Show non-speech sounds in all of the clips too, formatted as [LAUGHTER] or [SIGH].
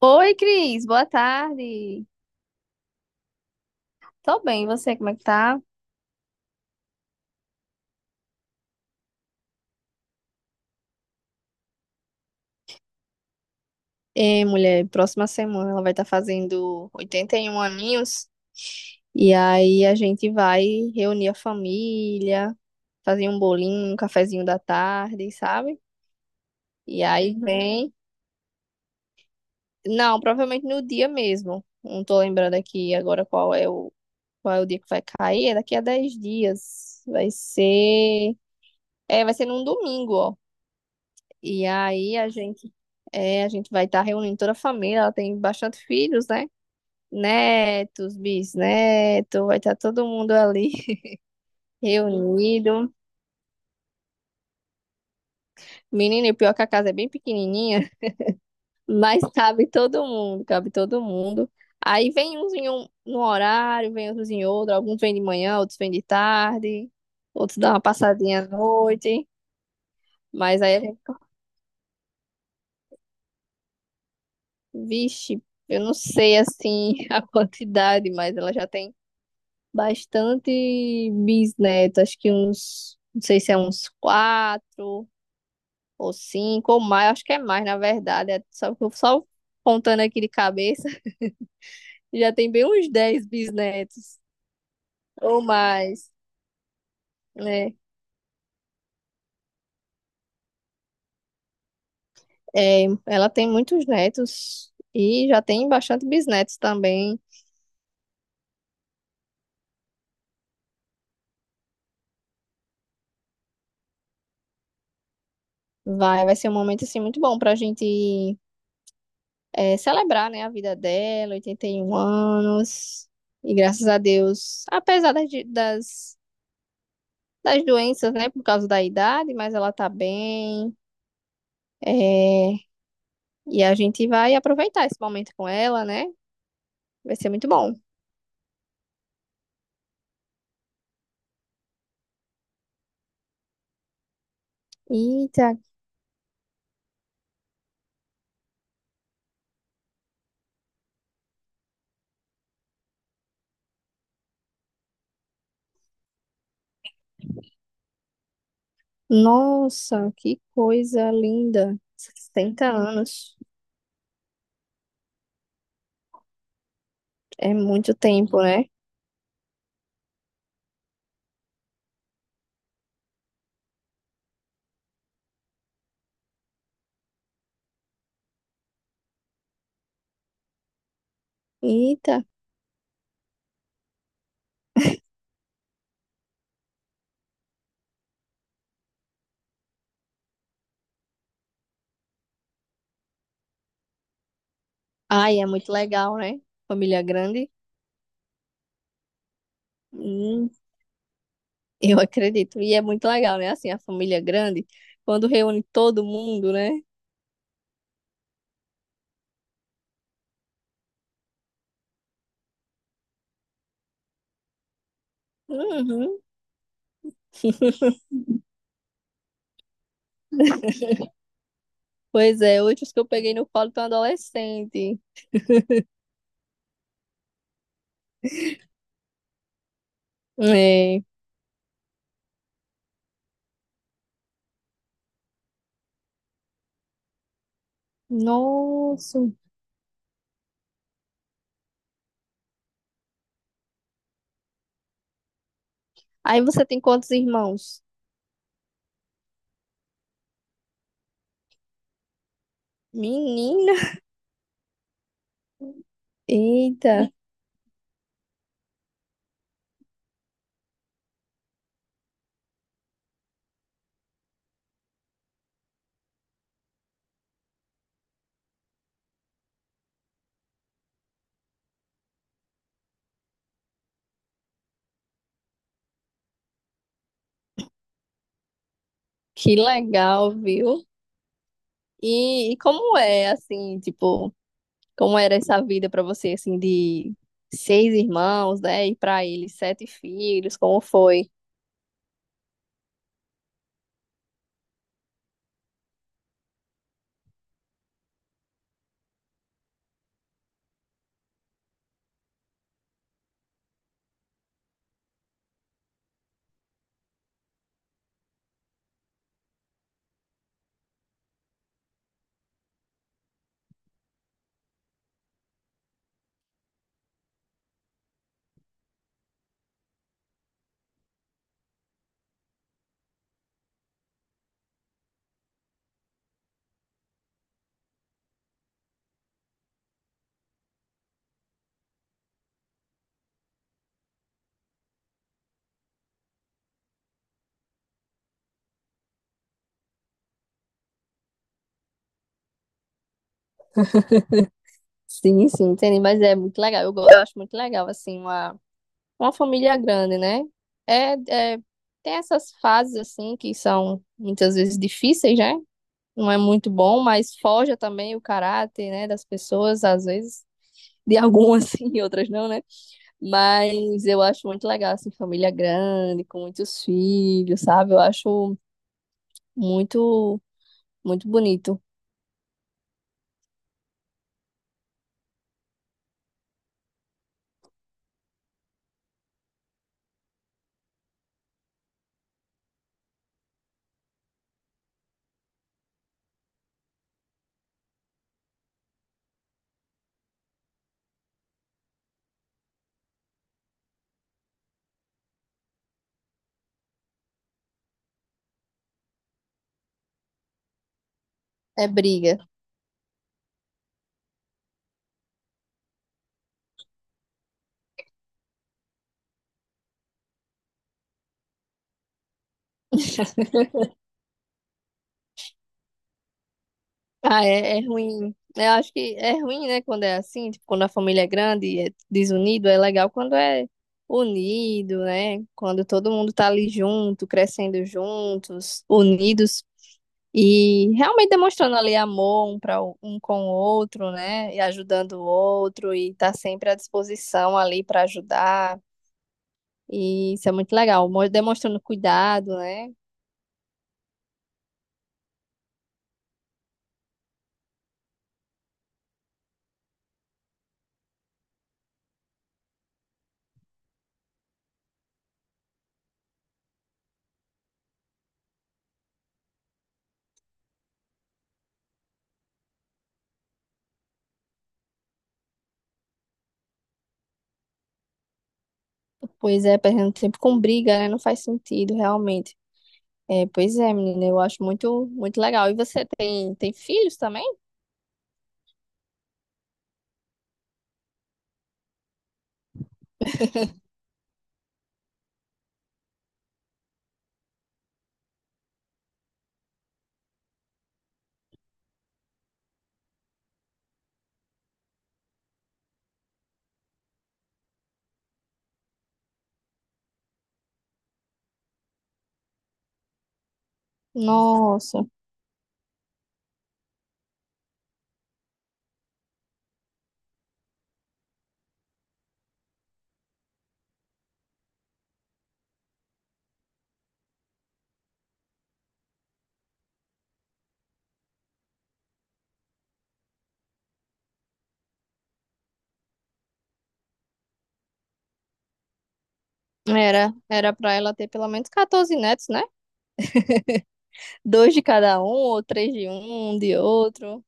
Oi, Cris, boa tarde. Tô bem, e você, como é que tá? É, mulher, próxima semana ela vai estar fazendo 81 aninhos. E aí a gente vai reunir a família, fazer um bolinho, um cafezinho da tarde, sabe? E aí vem. Não, provavelmente no dia mesmo. Não tô lembrando aqui agora qual é o dia que vai cair. É daqui a 10 dias. Vai ser. É, vai ser num domingo, ó. E aí é, a gente vai estar reunindo toda a família. Ela tem bastante filhos, né? Netos, bisnetos, vai estar todo mundo ali [LAUGHS] reunido. Menina, e o pior é que a casa é bem pequenininha, [LAUGHS] mas cabe todo mundo, cabe todo mundo. Aí vem uns em um no horário, vem outros em outro. Alguns vêm de manhã, outros vêm de tarde, outros dão uma passadinha à noite. Mas vixe, eu não sei assim [LAUGHS] a quantidade, mas ela já tem bastante bisneto, acho que uns, não sei se é uns quatro ou cinco ou mais, acho que é mais, na verdade. Só contando aqui de cabeça, [LAUGHS] já tem bem uns 10 bisnetos ou mais, né? É, ela tem muitos netos e já tem bastante bisnetos também. Vai ser um momento assim muito bom pra gente é, celebrar, né, a vida dela, 81 anos. E graças a Deus, apesar das doenças, né, por causa da idade, mas ela tá bem. É, e a gente vai aproveitar esse momento com ela, né? Vai ser muito bom. Eita, nossa, que coisa linda. 60 anos. É muito tempo, né? Eita. Ai, é muito legal, né? Família grande. Hum, eu acredito. E é muito legal, né? Assim, a família grande, quando reúne todo mundo, né? Uhum. Pois é, hoje os que eu peguei no colo estão adolescente. É, nossa. Aí você tem quantos irmãos? Menina. Eita, que legal, viu? E como é assim, tipo, como era essa vida pra você assim de 6 irmãos, né? E pra eles 7 filhos, como foi? Sim, sim, entendi, mas é muito legal. Eu acho muito legal assim uma família grande, né? É, é tem essas fases assim que são muitas vezes difíceis, né? Não é muito bom, mas forja também o caráter, né, das pessoas, às vezes, de algumas [LAUGHS] sim, outras não, né? Mas eu acho muito legal, assim, família grande, com muitos filhos, sabe? Muito, muito bonito. É briga. Ah, é ruim. Eu acho que é ruim, né, quando é assim, tipo, quando a família é grande e é desunido, é legal quando é unido, né? Quando todo mundo tá ali junto, crescendo juntos, unidos. E realmente demonstrando ali para um com o outro, né? E ajudando o outro, e tá sempre à disposição ali para ajudar. E isso é muito legal, demonstrando cuidado, né? Pois é, perdendo tempo com briga, né? Não faz sentido, realmente. É, pois é, menina, muito legal. E você tem filhos também? Nossa, era para ela ter pelo menos 14 netos, né? Dois de cada um, ou três de um, um de outro.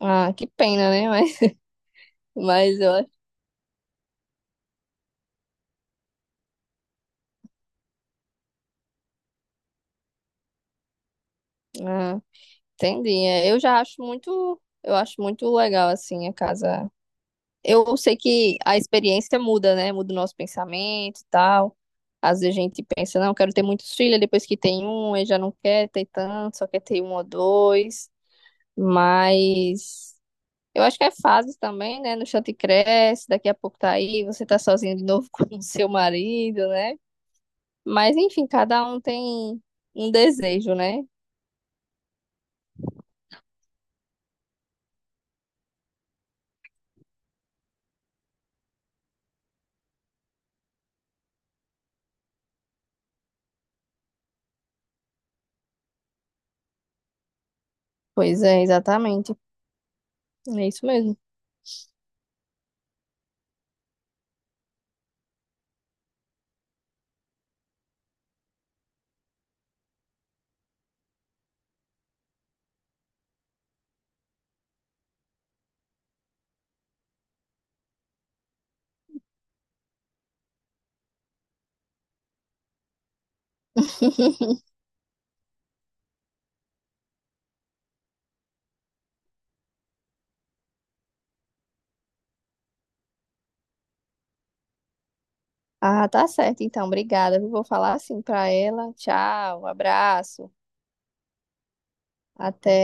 Ah, que pena, né? [LAUGHS] Mas eu ah, entendi. É, eu já acho muito, eu acho muito legal assim a casa. Eu sei que a experiência muda, né? Muda o nosso pensamento e tal. Às vezes a gente pensa, não, quero ter muitos filhos, depois que tem um, aí já não quer ter tanto, só quer ter um ou dois. Mas eu acho que é fases também, né? No chão te cresce, daqui a pouco tá aí, você tá sozinho de novo [LAUGHS] com o seu marido, né? Mas enfim, cada um tem um desejo, né? Pois é, exatamente. É isso mesmo. Ah, tá certo, então. Obrigada. Eu vou falar assim pra ela. Tchau, um abraço. Até.